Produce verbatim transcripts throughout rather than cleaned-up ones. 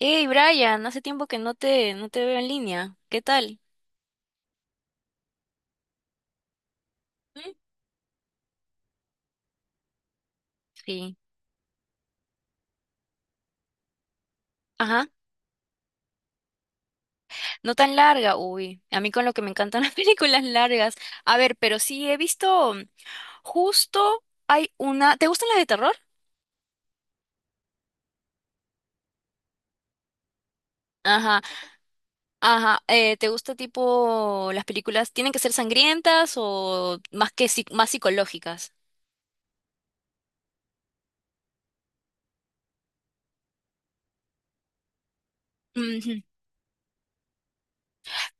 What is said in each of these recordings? Hey Brian, hace tiempo que no te, no te veo en línea. ¿Qué tal? ¿Mm? Sí. Ajá. No tan larga. Uy, a mí con lo que me encantan las películas largas. A ver, pero sí he visto mm, justo hay una. ¿Te gustan las de terror? Ajá, ajá. Eh, ¿te gusta tipo las películas tienen que ser sangrientas o más que psi- más psicológicas? Ujú.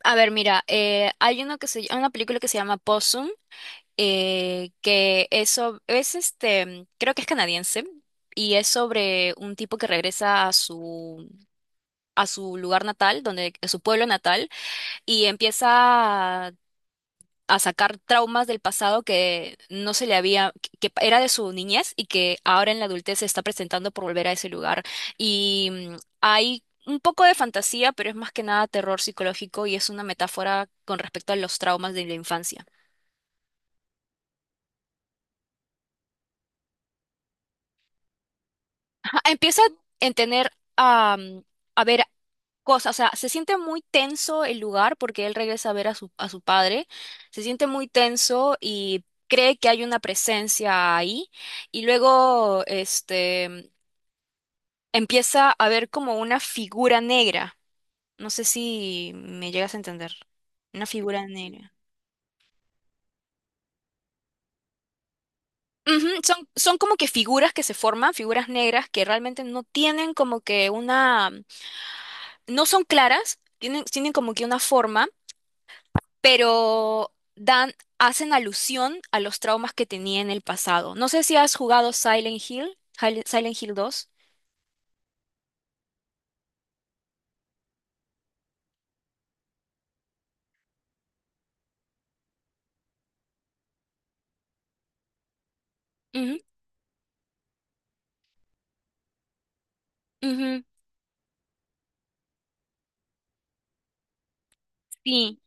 A ver, mira, eh, hay una que se, hay una película que se llama Possum. Eh, que eso es este, creo que es canadiense y es sobre un tipo que regresa a su a su lugar natal, donde a su pueblo natal, y empieza a, a sacar traumas del pasado que no se le había que que era de su niñez y que ahora en la adultez se está presentando por volver a ese lugar, y mm, hay un poco de fantasía, pero es más que nada terror psicológico y es una metáfora con respecto a los traumas de la infancia. Empieza a tener am, a ver cosas. O sea, se siente muy tenso el lugar porque él regresa a ver a su, a su padre, se siente muy tenso y cree que hay una presencia ahí, y luego este empieza a ver como una figura negra. No sé si me llegas a entender. Una figura negra. Ujú. Son, son como que figuras que se forman, figuras negras que realmente no tienen como que una, no son claras, tienen, tienen como que una forma, pero dan, hacen alusión a los traumas que tenía en el pasado. No sé si has jugado Silent Hill, Hil- Silent Hill dos. Ujú, ujú. Sí.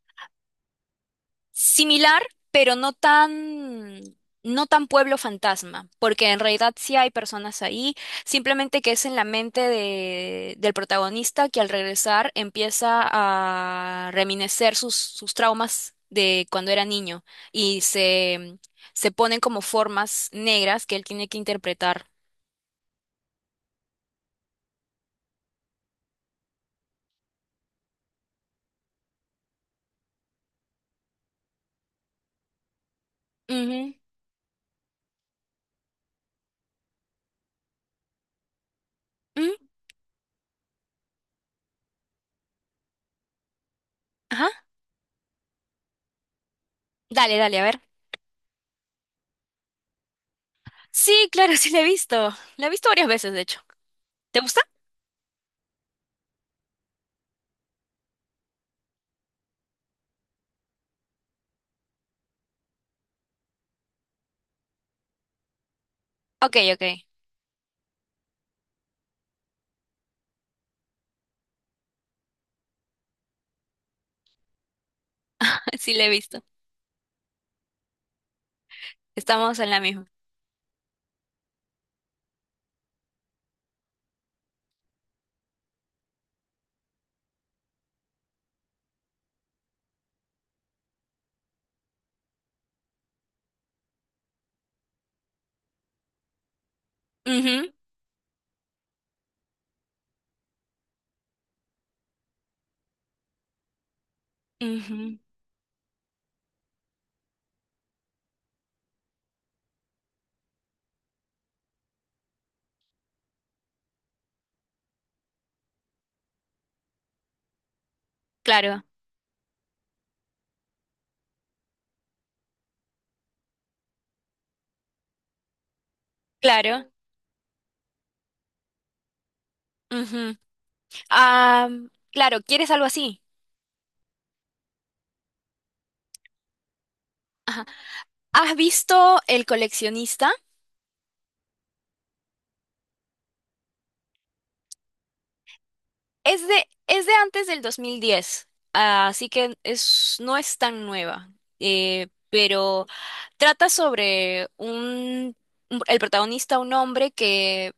Similar, pero no tan, no tan pueblo fantasma, porque en realidad sí hay personas ahí, simplemente que es en la mente de- del protagonista, que al regresar empieza a reminecer sus, sus traumas de cuando era niño, y se, se ponen como formas negras que él tiene que interpretar. Ujú, ujú. Ajá. Dale, dale, a ver. Sí, claro, sí la he visto. La he visto varias veces, de hecho. ¿Te gusta? Ok, ok. Sí la he visto. Estamos en la misma. Ujú, ujú. Claro, claro. Ujú. Ah, claro, ¿quieres algo así? ¿Has visto El coleccionista? Es de, es de antes del dos mil diez. Ah, así que es, no es tan nueva, eh, pero trata sobre un, un- el protagonista, un hombre que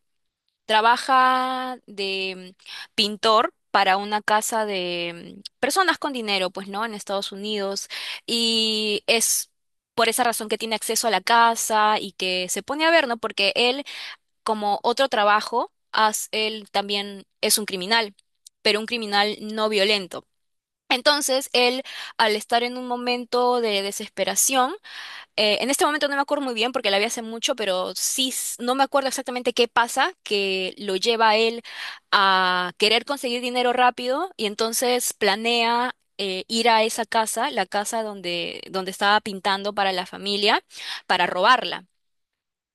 trabaja de mm, pintor para una casa de mm, personas con dinero, pues, ¿no? En Estados Unidos. Y es por esa razón que tiene acceso a la casa y que se pone a ver, ¿no? Porque él, como otro trabajo, as- él también es un criminal, pero un criminal no violento. Entonces, él, al estar en un momento de desesperación, eh, en este momento no me acuerdo muy bien porque la vi hace mucho, pero sí, s- no me acuerdo exactamente qué pasa que lo lleva a él a querer conseguir dinero rápido, y entonces planea eh, ir a esa casa, la casa donde, donde estaba pintando para la familia, para robarla.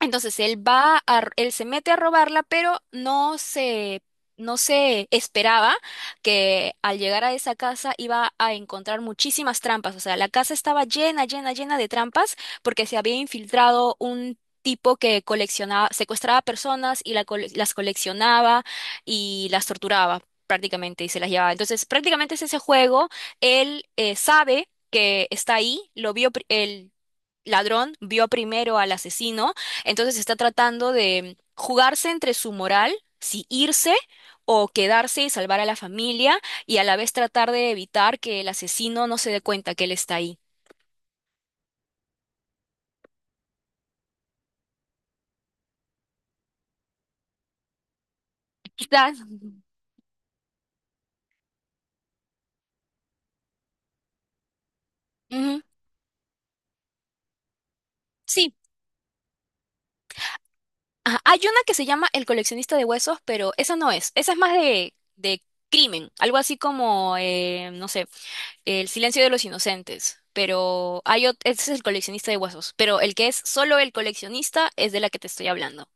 Entonces, él va a, él se mete a robarla, pero no se, no se esperaba que al llegar a esa casa iba a encontrar muchísimas trampas. O sea, la casa estaba llena, llena, llena de trampas porque se había infiltrado un tipo que coleccionaba, secuestraba personas, y la cole- las coleccionaba y las torturaba prácticamente y se las llevaba. Entonces, prácticamente es ese juego. Él eh, sabe que está ahí, lo vio, ladrón vio primero al asesino, entonces está tratando de jugarse entre su moral, si irse o quedarse y salvar a la familia, y a la vez tratar de evitar que el asesino no se dé cuenta que él está ahí. Quizás. Ujú. Sí. Ajá. Hay una que se llama El coleccionista de huesos, pero esa no es. Esa es más de, de crimen, algo así como, eh, no sé, El silencio de los inocentes. Pero hay ot- ese es el coleccionista de huesos. Pero el que es solo el coleccionista es de la que te estoy hablando.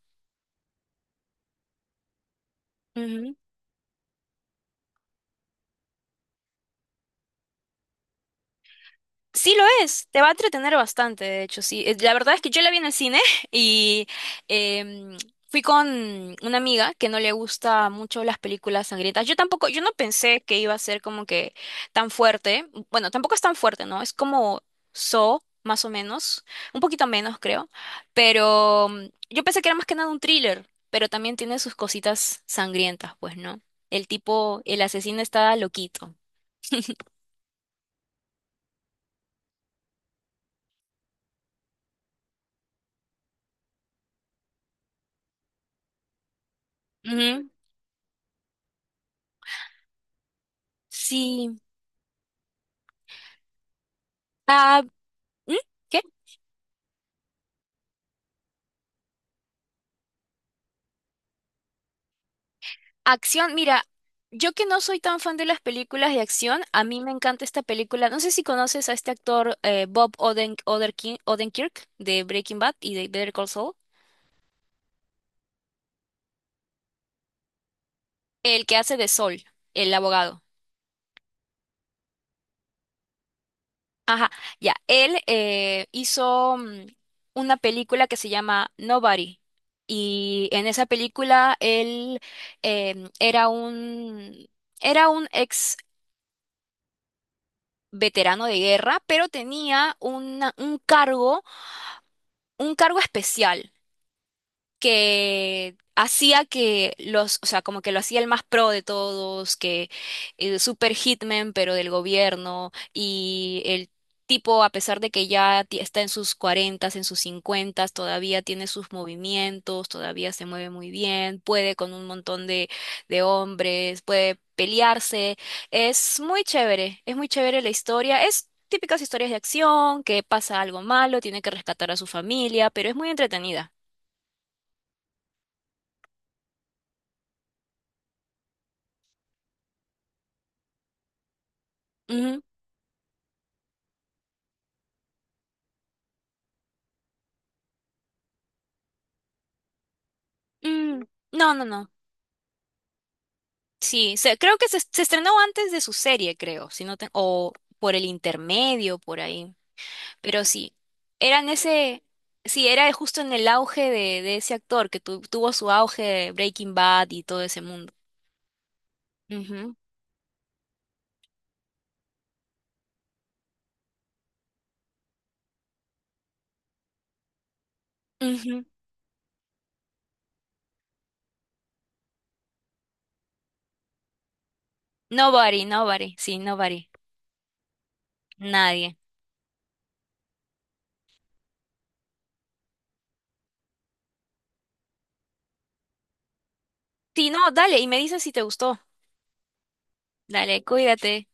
Ujú. Sí lo es, te va a entretener bastante, de hecho, sí. Eh, La verdad es que yo la vi en el cine y em, fui con una amiga que no le gusta mucho las películas sangrientas. Yo tampoco, yo no pensé que iba a ser como que tan fuerte. Bueno, tampoco es tan fuerte, ¿no? Es como so más o menos, un poquito menos, creo. Pero mm, yo pensé que era más que nada un thriller, pero también tiene sus cositas sangrientas, pues, ¿no? El tipo, el asesino está loquito. Ujú. Sí. Ah. ¿Mm? ¿Qué? Acción, mira, yo que no soy tan fan de las películas de acción, a mí me encanta esta película. No sé si conoces a este actor, eh, Bob Oden Oderkin- Odenkirk, de Breaking Bad y de Better Call Saul, el que hace de Saul, el abogado. Ajá, ya, él eh, hizo mm, una película que se llama Nobody. Y en esa película él em, era un, era un ex veterano de guerra, pero tenía una- un cargo Un cargo especial que hacía que los, o sea, como que lo hacía el más pro de todos, que eh, super hitman, pero del gobierno, y el tipo, a pesar de que ya ti- está en sus cuarentas, en sus cincuentas, todavía tiene sus movimientos, todavía se mueve muy bien, puede con un montón de, de hombres, puede pelearse, es muy chévere, es muy chévere la historia, es típicas historias de acción, que pasa algo malo, tiene que rescatar a su familia, pero es muy entretenida. Mm, no, no, no. Sí, se- creo que se, se estrenó antes de su serie, creo, si no te- o por el intermedio, por ahí. Pero sí, eran ese, sí, era justo en el auge de, de ese actor que tu- tuvo su auge de Breaking Bad y todo ese mundo. Ujú, ujú. Nobody, nobody, sí, nobody, nadie. Sí, no, dale, y me dices si te gustó. Dale, cuídate.